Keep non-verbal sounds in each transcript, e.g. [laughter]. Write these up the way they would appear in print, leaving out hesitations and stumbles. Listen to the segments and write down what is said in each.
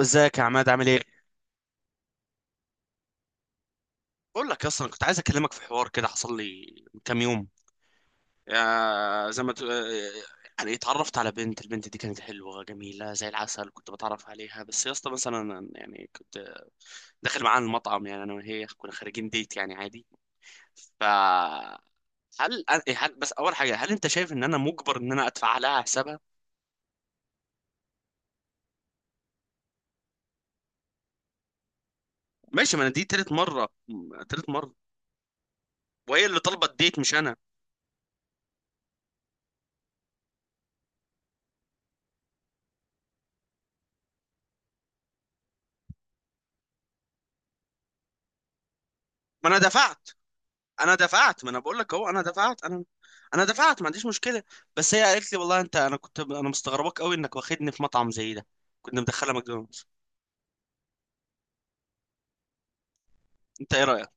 ازيك يا عماد عامل ايه؟ بقول لك اصلا كنت عايز اكلمك في حوار كده حصل لي من كام يوم يا زي ما تقول يعني اتعرفت على بنت البنت دي كانت حلوة جميلة زي العسل كنت بتعرف عليها بس يا اسطى مثلا أنا يعني كنت داخل معاها المطعم يعني انا وهي كنا خارجين ديت يعني عادي ف هل إيه، هل بس اول حاجة هل انت شايف ان انا مجبر ان انا ادفع لها حسابها؟ ماشي ما انا دي تالت مرة تالت مرة وهي اللي طلبت ديت مش انا ما انا دفعت انا دفعت ما انا بقول لك اهو انا دفعت انا انا دفعت ما عنديش مشكله. بس هي قالت لي والله انت انا كنت انا مستغرباك قوي انك واخدني في مطعم زي ده. كنا مدخله ماكدونالدز. انت ايه رايك؟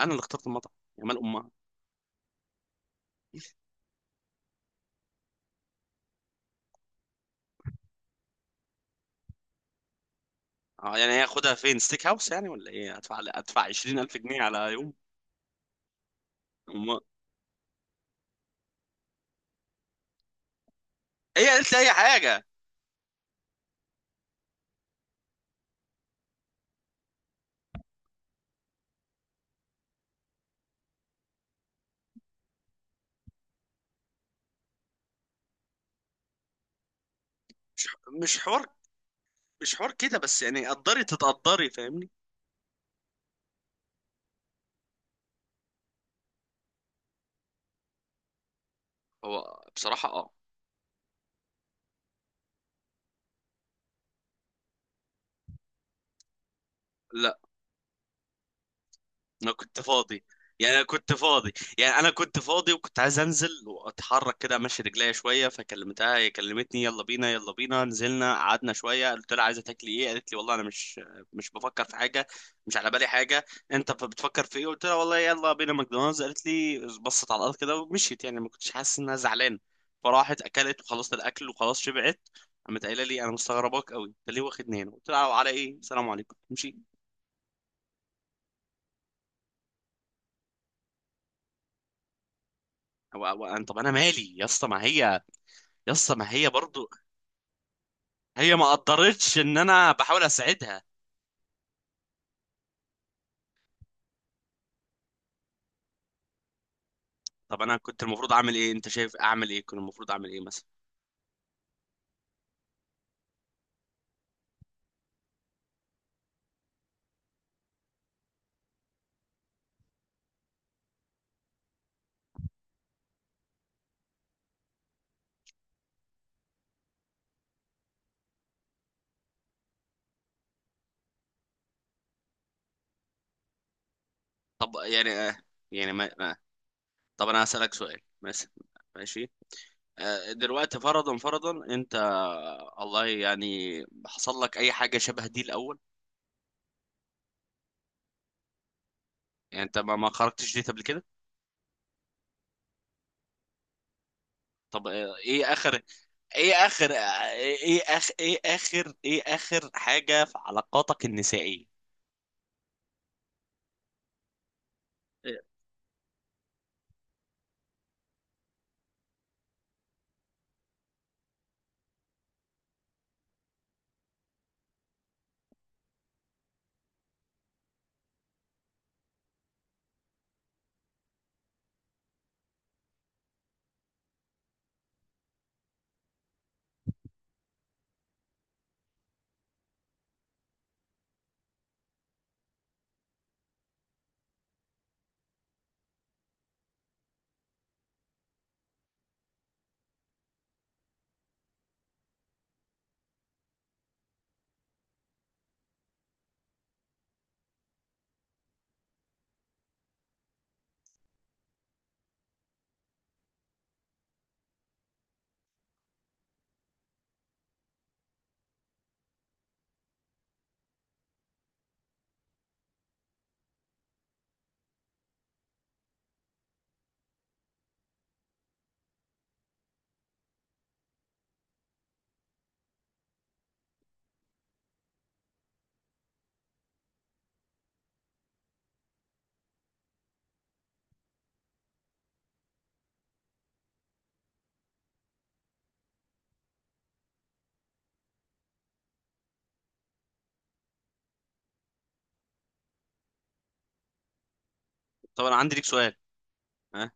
انا اللي اخترت المطعم يا مال امها. يعني هي خدها فين ستيك هاوس يعني ولا ايه؟ ادفع ادفع 20000 جنيه على يوم؟ امها. هي قالت لي اي حاجه. مش مش حوار، مش حوار كده بس يعني قدري تتقدري فاهمني. هو بصراحه اه انا كنت فاضي. يعني انا كنت فاضي. يعني انا كنت فاضي وكنت عايز انزل واتحرك كده امشي رجليا شويه فكلمتها هي كلمتني يلا بينا يلا بينا نزلنا قعدنا شويه قلت لها عايزه تاكلي ايه؟ قالت لي والله انا مش بفكر في حاجه، مش على بالي حاجه. انت بتفكر في ايه؟ قلت لها والله يلا بينا ماكدونالدز. قالت لي بصت على الارض كده ومشيت يعني ما كنتش حاسس انها زعلانه. فراحت اكلت وخلصت الاكل وخلاص شبعت. قامت قايله لي انا مستغرباك قوي انت ليه واخدني هنا؟ قلت لها على ايه؟ السلام عليكم امشي. طب انا مالي يا اسطى؟ ما هي يسطا ما هي برضو. هي ما قدرتش ان انا بحاول اساعدها. طب انا كنت المفروض اعمل ايه؟ انت شايف اعمل ايه؟ كنت المفروض اعمل ايه مثلا؟ طب يعني يعني طب انا هسألك سؤال مثلا. ماشي. دلوقتي فرضا فرضا انت الله يعني حصل لك اي حاجة شبه دي الاول؟ يعني انت ما خرجتش ديت قبل كده؟ طب ايه اخر؟ ايه اخر ايه اخر ايه اخر حاجة في علاقاتك النسائية؟ آه، طب انا عندي ليك سؤال. آه،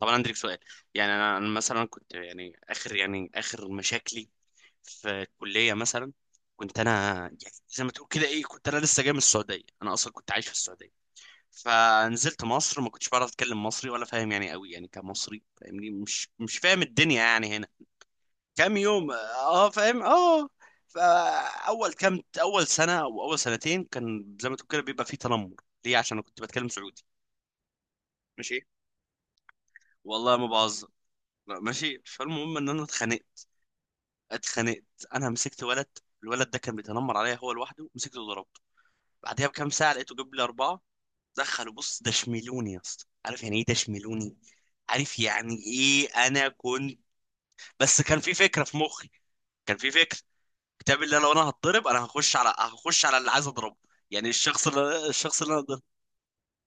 طب انا عندي لك سؤال. يعني انا مثلا كنت يعني اخر يعني اخر مشاكلي في الكليه مثلا. كنت انا يعني زي ما تقول كده ايه كنت انا لسه جاي من السعوديه. انا اصلا كنت عايش في السعوديه فنزلت مصر ما كنتش بعرف اتكلم مصري ولا فاهم يعني قوي يعني كمصري فاهمني، مش فاهم الدنيا يعني هنا. كام يوم اه فاهم اه. فاول كام اول سنه او اول سنتين كان زي ما تقول كده بيبقى فيه تنمر. ليه؟ عشان انا كنت بتكلم سعودي. ماشي. والله ما بهزر. لا، ماشي. فالمهم ان انا اتخانقت. اتخانقت. انا مسكت ولد. الولد ده كان بيتنمر عليا هو لوحده مسكته وضربته. بعدها بكام ساعه لقيته جاب لي اربعه. دخلوا بص دشملوني يا اسطى. عارف يعني ايه دشملوني؟ عارف يعني ايه؟ انا كنت، بس كان في فكره في مخي، كان في فكره كتاب اللي لو انا هتضرب انا هخش على اللي عايز اضربه. يعني الشخص اللي الشخص اللي انا ضرب.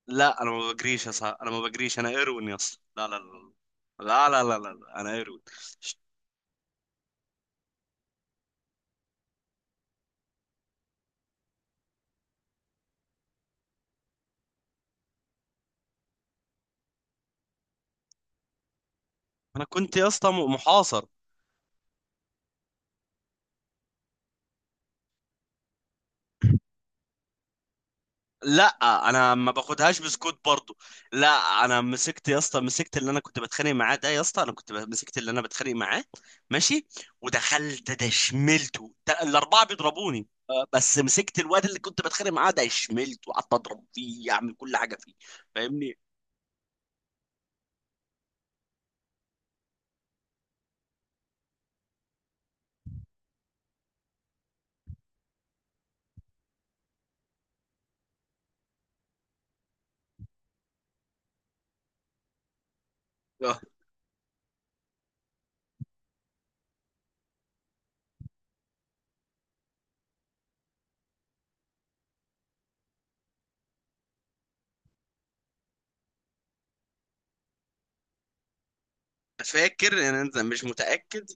لا انا ما بجريش يا صاحبي انا ما بجريش انا ايروين يا اسطى لا، انا ايروين. انا كنت يا اسطى محاصر. لا انا ما باخدهاش بسكوت برضو. لا انا مسكت يا اسطى مسكت اللي انا كنت بتخانق معاه ده يا اسطى انا كنت مسكت اللي انا بتخانق معاه. ماشي. ودخلت ده شملته ده الاربعه بيضربوني بس مسكت الواد اللي كنت بتخانق معاه ده شملته وقعدت اضرب فيه اعمل كل حاجه فيه. فاهمني. آه، فاكر ان انت مش متاكد.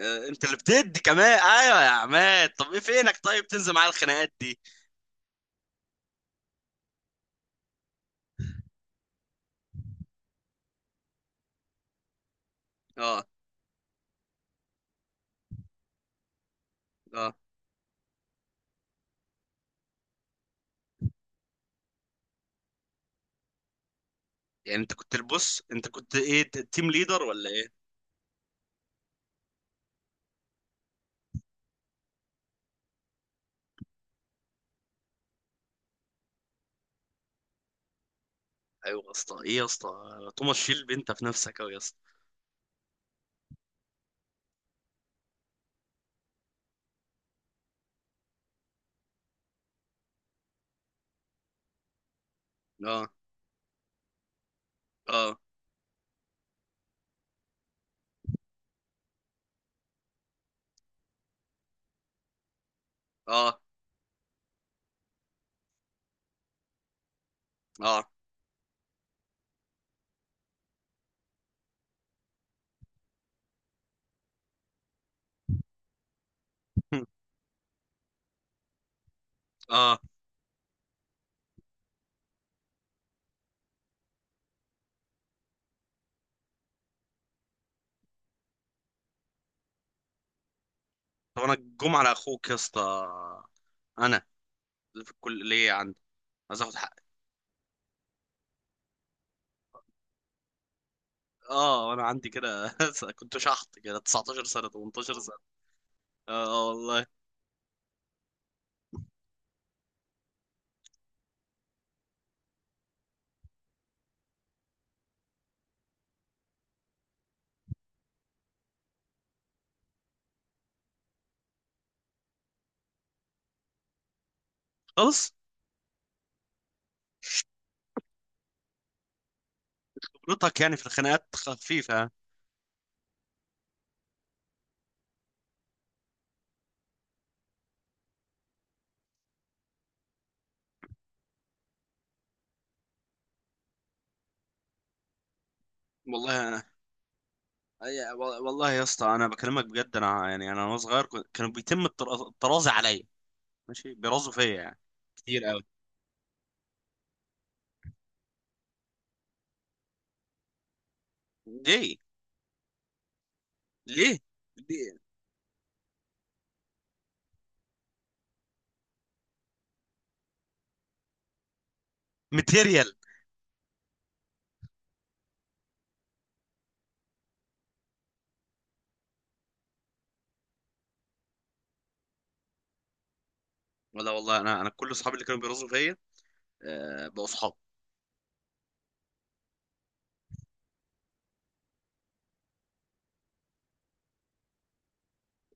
انت اللي بتدي كمان ايوه يا عماد. طب ايه فينك طيب تنزل معايا الخناقات دي؟ اه اه. يعني انت كنت البص انت كنت ايه تيم ليدر ولا ايه؟ ايوه يا اسطى ايه يا اسطى. توماس شيلب انت في نفسك اوي يا اسطى. اه اه اه اه [laughs] اه. طب انا الجمعه على اخوك يا اسطى. انا في الكليه عندي عايز اخد حقي. اه انا عندي كده [laughs] كنت شحط كده 19 سنه 18 سنه. اه آه والله. خلاص. خبرتك يعني في الخناقات خفيفه يعني. والله انا والله يا اسطى انا بكلمك بجد. انا يعني انا وانا صغير كانوا بيتم الطرازه عليا. ماشي بيرازوا فيا يعني كتير قوي. ليه؟ ليه؟ ليه؟ ماتيريال. لا والله انا كل اصحابي اللي كانوا بيرزوا فيا بقوا اصحاب.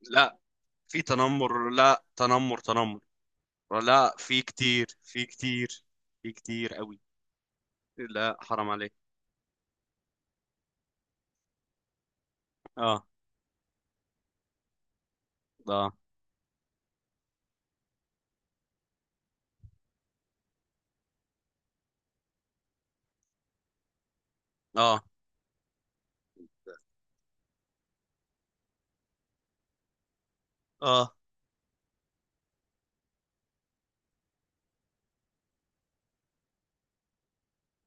لا في تنمر، لا تنمر تنمر. لا في كتير، في كتير، في كتير قوي. لا حرام عليك. اه اه اه اه.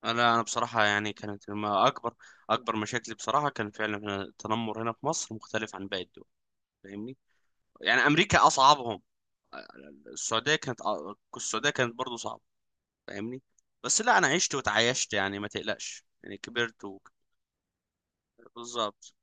انا بصراحه يعني كانت ما اكبر، اكبر مشاكلي بصراحه كان فعلا هنا التنمر. هنا في مصر مختلف عن باقي الدول فاهمني. يعني امريكا اصعبهم. السعوديه كانت، السعوديه كانت برضو صعبه فاهمني. بس لا انا عشت وتعايشت يعني ما تقلقش يعني كبرت. بالظبط.